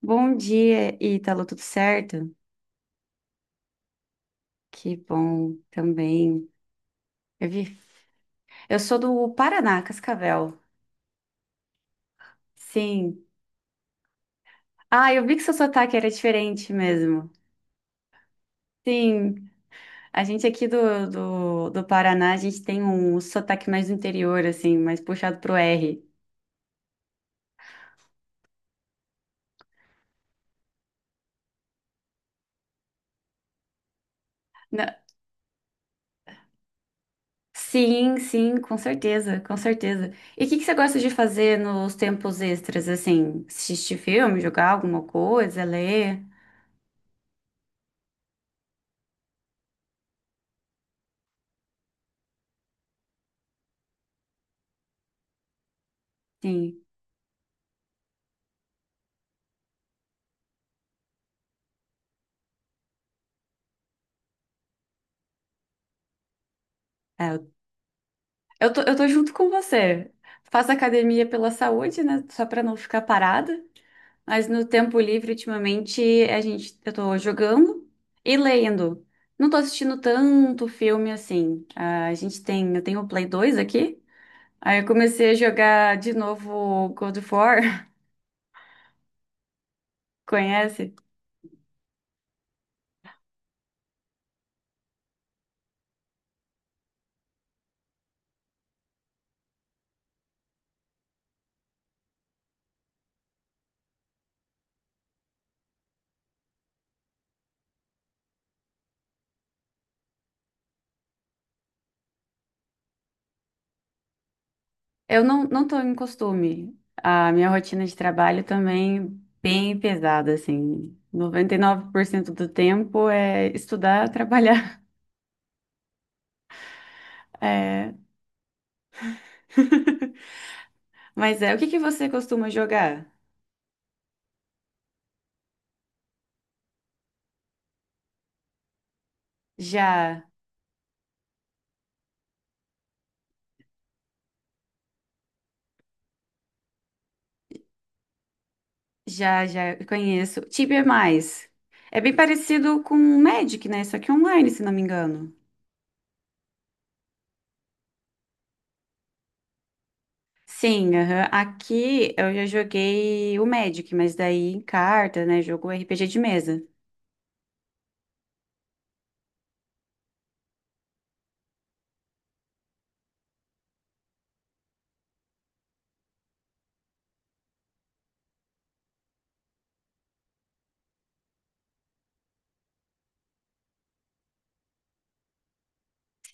Bom dia, Ítalo, tudo certo? Que bom também. Eu vi. Eu sou do Paraná, Cascavel. Sim. Ah, eu vi que seu sotaque era diferente mesmo. Sim, a gente aqui do Paraná, a gente tem um sotaque mais do interior, assim, mais puxado pro R. Na- Sim, sim, com certeza, com certeza. E o que que você gosta de fazer nos tempos extras, assim? Assistir filme, jogar alguma coisa, ler? Sim. Eu tô junto com você. Faço academia pela saúde, né? Só pra não ficar parada. Mas no tempo livre, ultimamente, eu tô jogando e lendo. Não tô assistindo tanto filme assim. Ah, a gente tem, eu tenho o Play 2 aqui. Aí eu comecei a jogar de novo God of War. Conhece? Eu não, não tô em costume. A minha rotina de trabalho também bem pesada, assim. 99% do tempo é estudar, trabalhar. Mas é, o que que você costuma jogar? Já, já conheço. Tibia é mais. É bem parecido com o Magic, né? Só que online, se não me engano. Sim, aham. Aqui eu já joguei o Magic, mas daí em carta, né? Jogo RPG de mesa.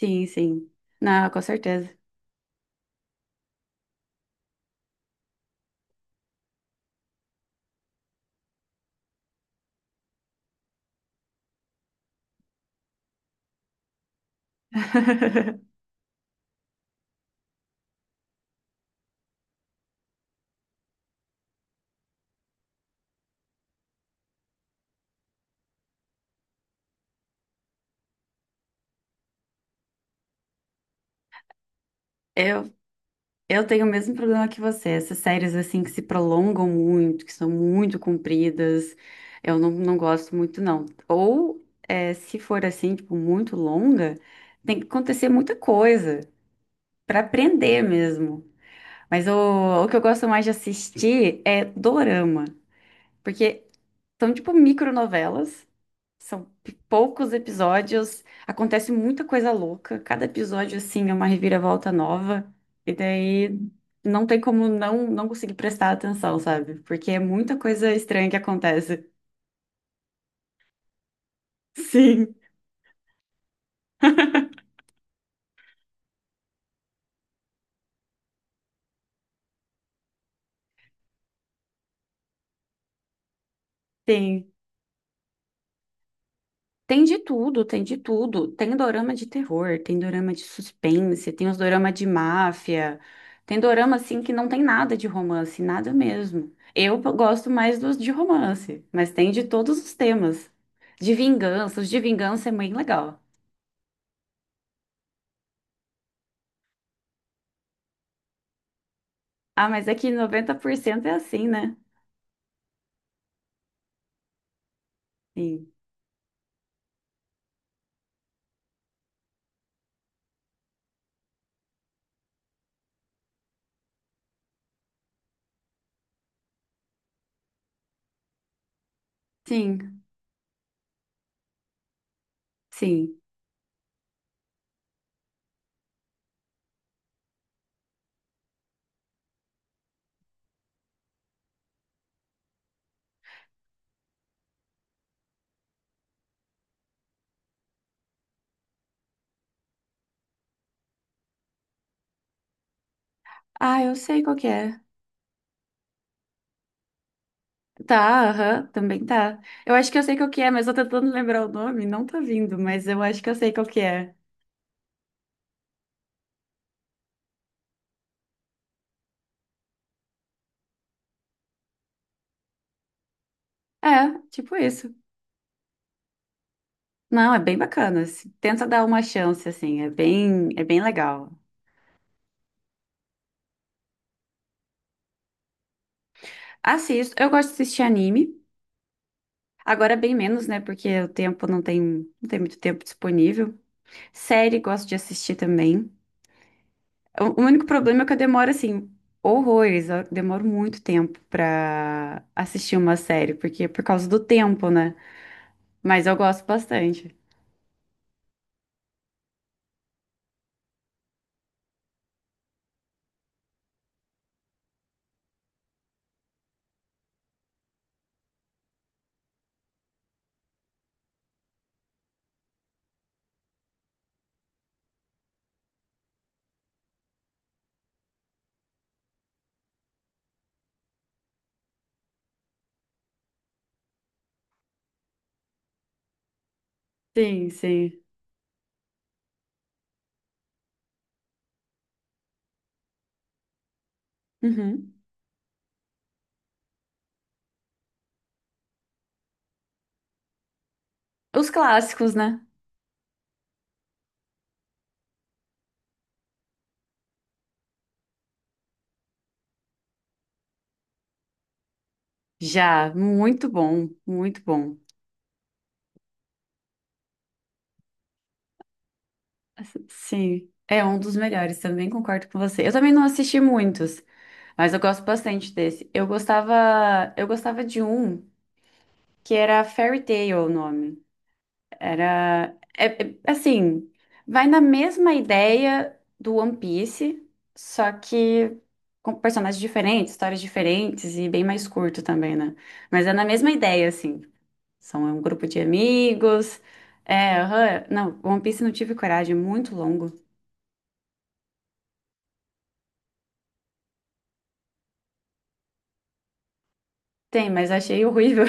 Sim, sim. Não, com certeza. Eu, eu tenho o mesmo problema que você. Essas séries assim que se prolongam muito, que são muito compridas, eu não, não gosto muito, não. Ou é, se for assim, tipo, muito longa, tem que acontecer muita coisa pra aprender mesmo. Mas o que eu gosto mais de assistir é dorama, porque são tipo micronovelas, são poucos episódios, acontece muita coisa louca. Cada episódio, assim, é uma reviravolta nova. E daí não tem como não conseguir prestar atenção, sabe? Porque é muita coisa estranha que acontece. Sim, tem. Tem de tudo, tem de tudo. Tem dorama de terror, tem dorama de suspense, tem os dorama de máfia. Tem dorama, assim, que não tem nada de romance, nada mesmo. Eu gosto mais dos de romance, mas tem de todos os temas. De vingança, os de vingança é bem legal. Ah, mas é que 90% é assim, né? Sim. Sim, sim. Ah, eu sei qual que é. Tá, aham, também tá. Eu acho que eu sei qual que é, mas eu tô tentando lembrar o nome, não tá vindo, mas eu acho que eu sei qual que é. É, tipo isso. Não, é bem bacana, assim. Tenta dar uma chance, assim, é bem legal. Assisto, eu gosto de assistir anime. Agora bem menos, né? Porque o tempo não tem, não tem muito tempo disponível. Série gosto de assistir também. O único problema é que eu demoro, assim, horrores. Eu demoro muito tempo pra assistir uma série, porque é por causa do tempo, né? Mas eu gosto bastante. Sim, sim. Uhum. Os clássicos, né? Já, muito bom, muito bom. Sim, é um dos melhores, também concordo com você. Eu também não assisti muitos, mas eu gosto bastante desse. Eu gostava de um que era Fairy Tail é o nome. Era, assim, vai na mesma ideia do One Piece, só que com personagens diferentes, histórias diferentes e bem mais curto também, né? Mas é na mesma ideia, assim. São é um grupo de amigos. É, aham. Não, One Piece não tive coragem, é muito longo. Tem, mas achei horrível.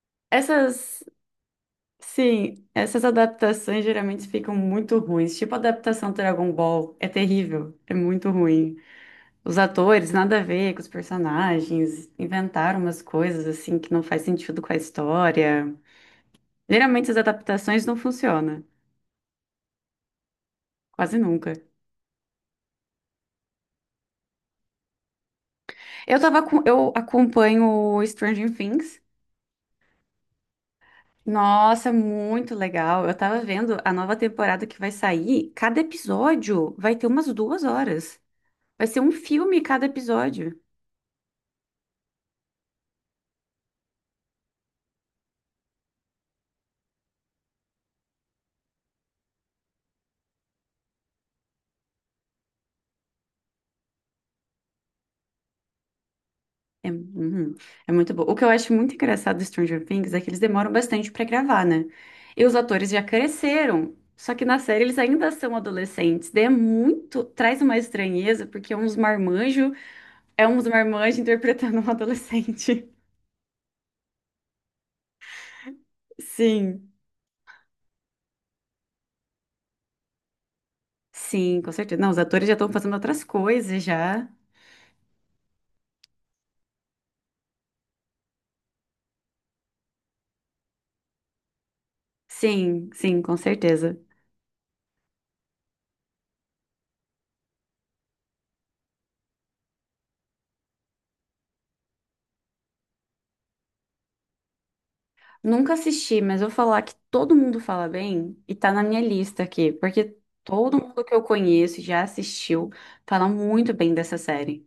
Essas, sim, essas adaptações geralmente ficam muito ruins. Tipo a adaptação do Dragon Ball, é terrível, é muito ruim. Os atores, nada a ver com os personagens, inventaram umas coisas assim que não faz sentido com a história. Geralmente as adaptações não funcionam, quase nunca. Eu acompanho o Stranger Things. Nossa, muito legal. Eu tava vendo a nova temporada que vai sair. Cada episódio vai ter umas 2 horas. Vai ser um filme cada episódio. É, uhum, é muito bom. O que eu acho muito engraçado do Stranger Things é que eles demoram bastante pra gravar, né? E os atores já cresceram. Só que na série eles ainda são adolescentes. Daí é muito. Traz uma estranheza, porque é uns marmanjo interpretando um adolescente. Sim. Sim, com certeza. Não, os atores já estão fazendo outras coisas já. Sim, sim, com certeza. Nunca assisti, mas vou falar que todo mundo fala bem e tá na minha lista aqui, porque todo mundo que eu conheço e já assistiu fala muito bem dessa série.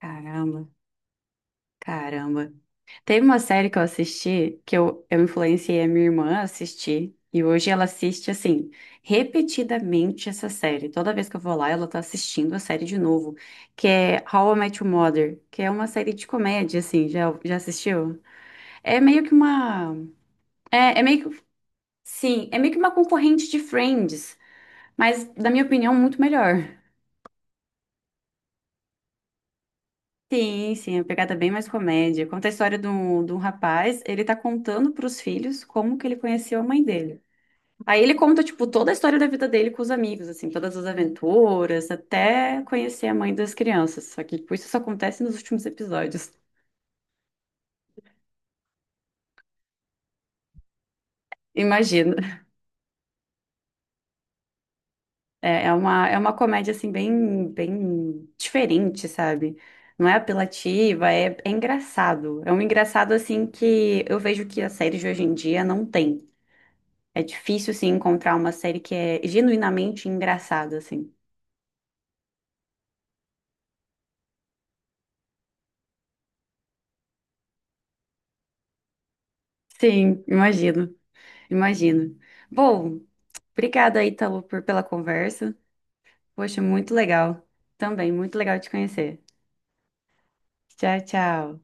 Caramba, caramba. Teve uma série que eu assisti eu influenciei a minha irmã a assistir e hoje ela assiste assim, repetidamente essa série. Toda vez que eu vou lá, ela tá assistindo a série de novo, que é How I Met Your Mother, que é uma série de comédia assim, já já assistiu? É meio que uma é, é meio que Sim, é meio que uma concorrente de Friends, mas, na minha opinião, muito melhor. Sim, sim, a pegada é bem mais comédia. Conta a história de um rapaz, ele tá contando pros filhos como que ele conheceu a mãe dele. Aí ele conta, tipo, toda a história da vida dele com os amigos, assim, todas as aventuras, até conhecer a mãe das crianças. Só que, tipo, isso só acontece nos últimos episódios. Imagina. É, é uma comédia, assim, bem, bem diferente, sabe? Não é apelativa, é, é engraçado. É um engraçado, assim, que eu vejo que as séries de hoje em dia não tem. É difícil, assim, encontrar uma série que é genuinamente engraçada, assim. Sim, imagino, imagino. Bom, obrigada, Ítalo, pela conversa. Poxa, muito legal. Também, muito legal te conhecer. Tchau, tchau.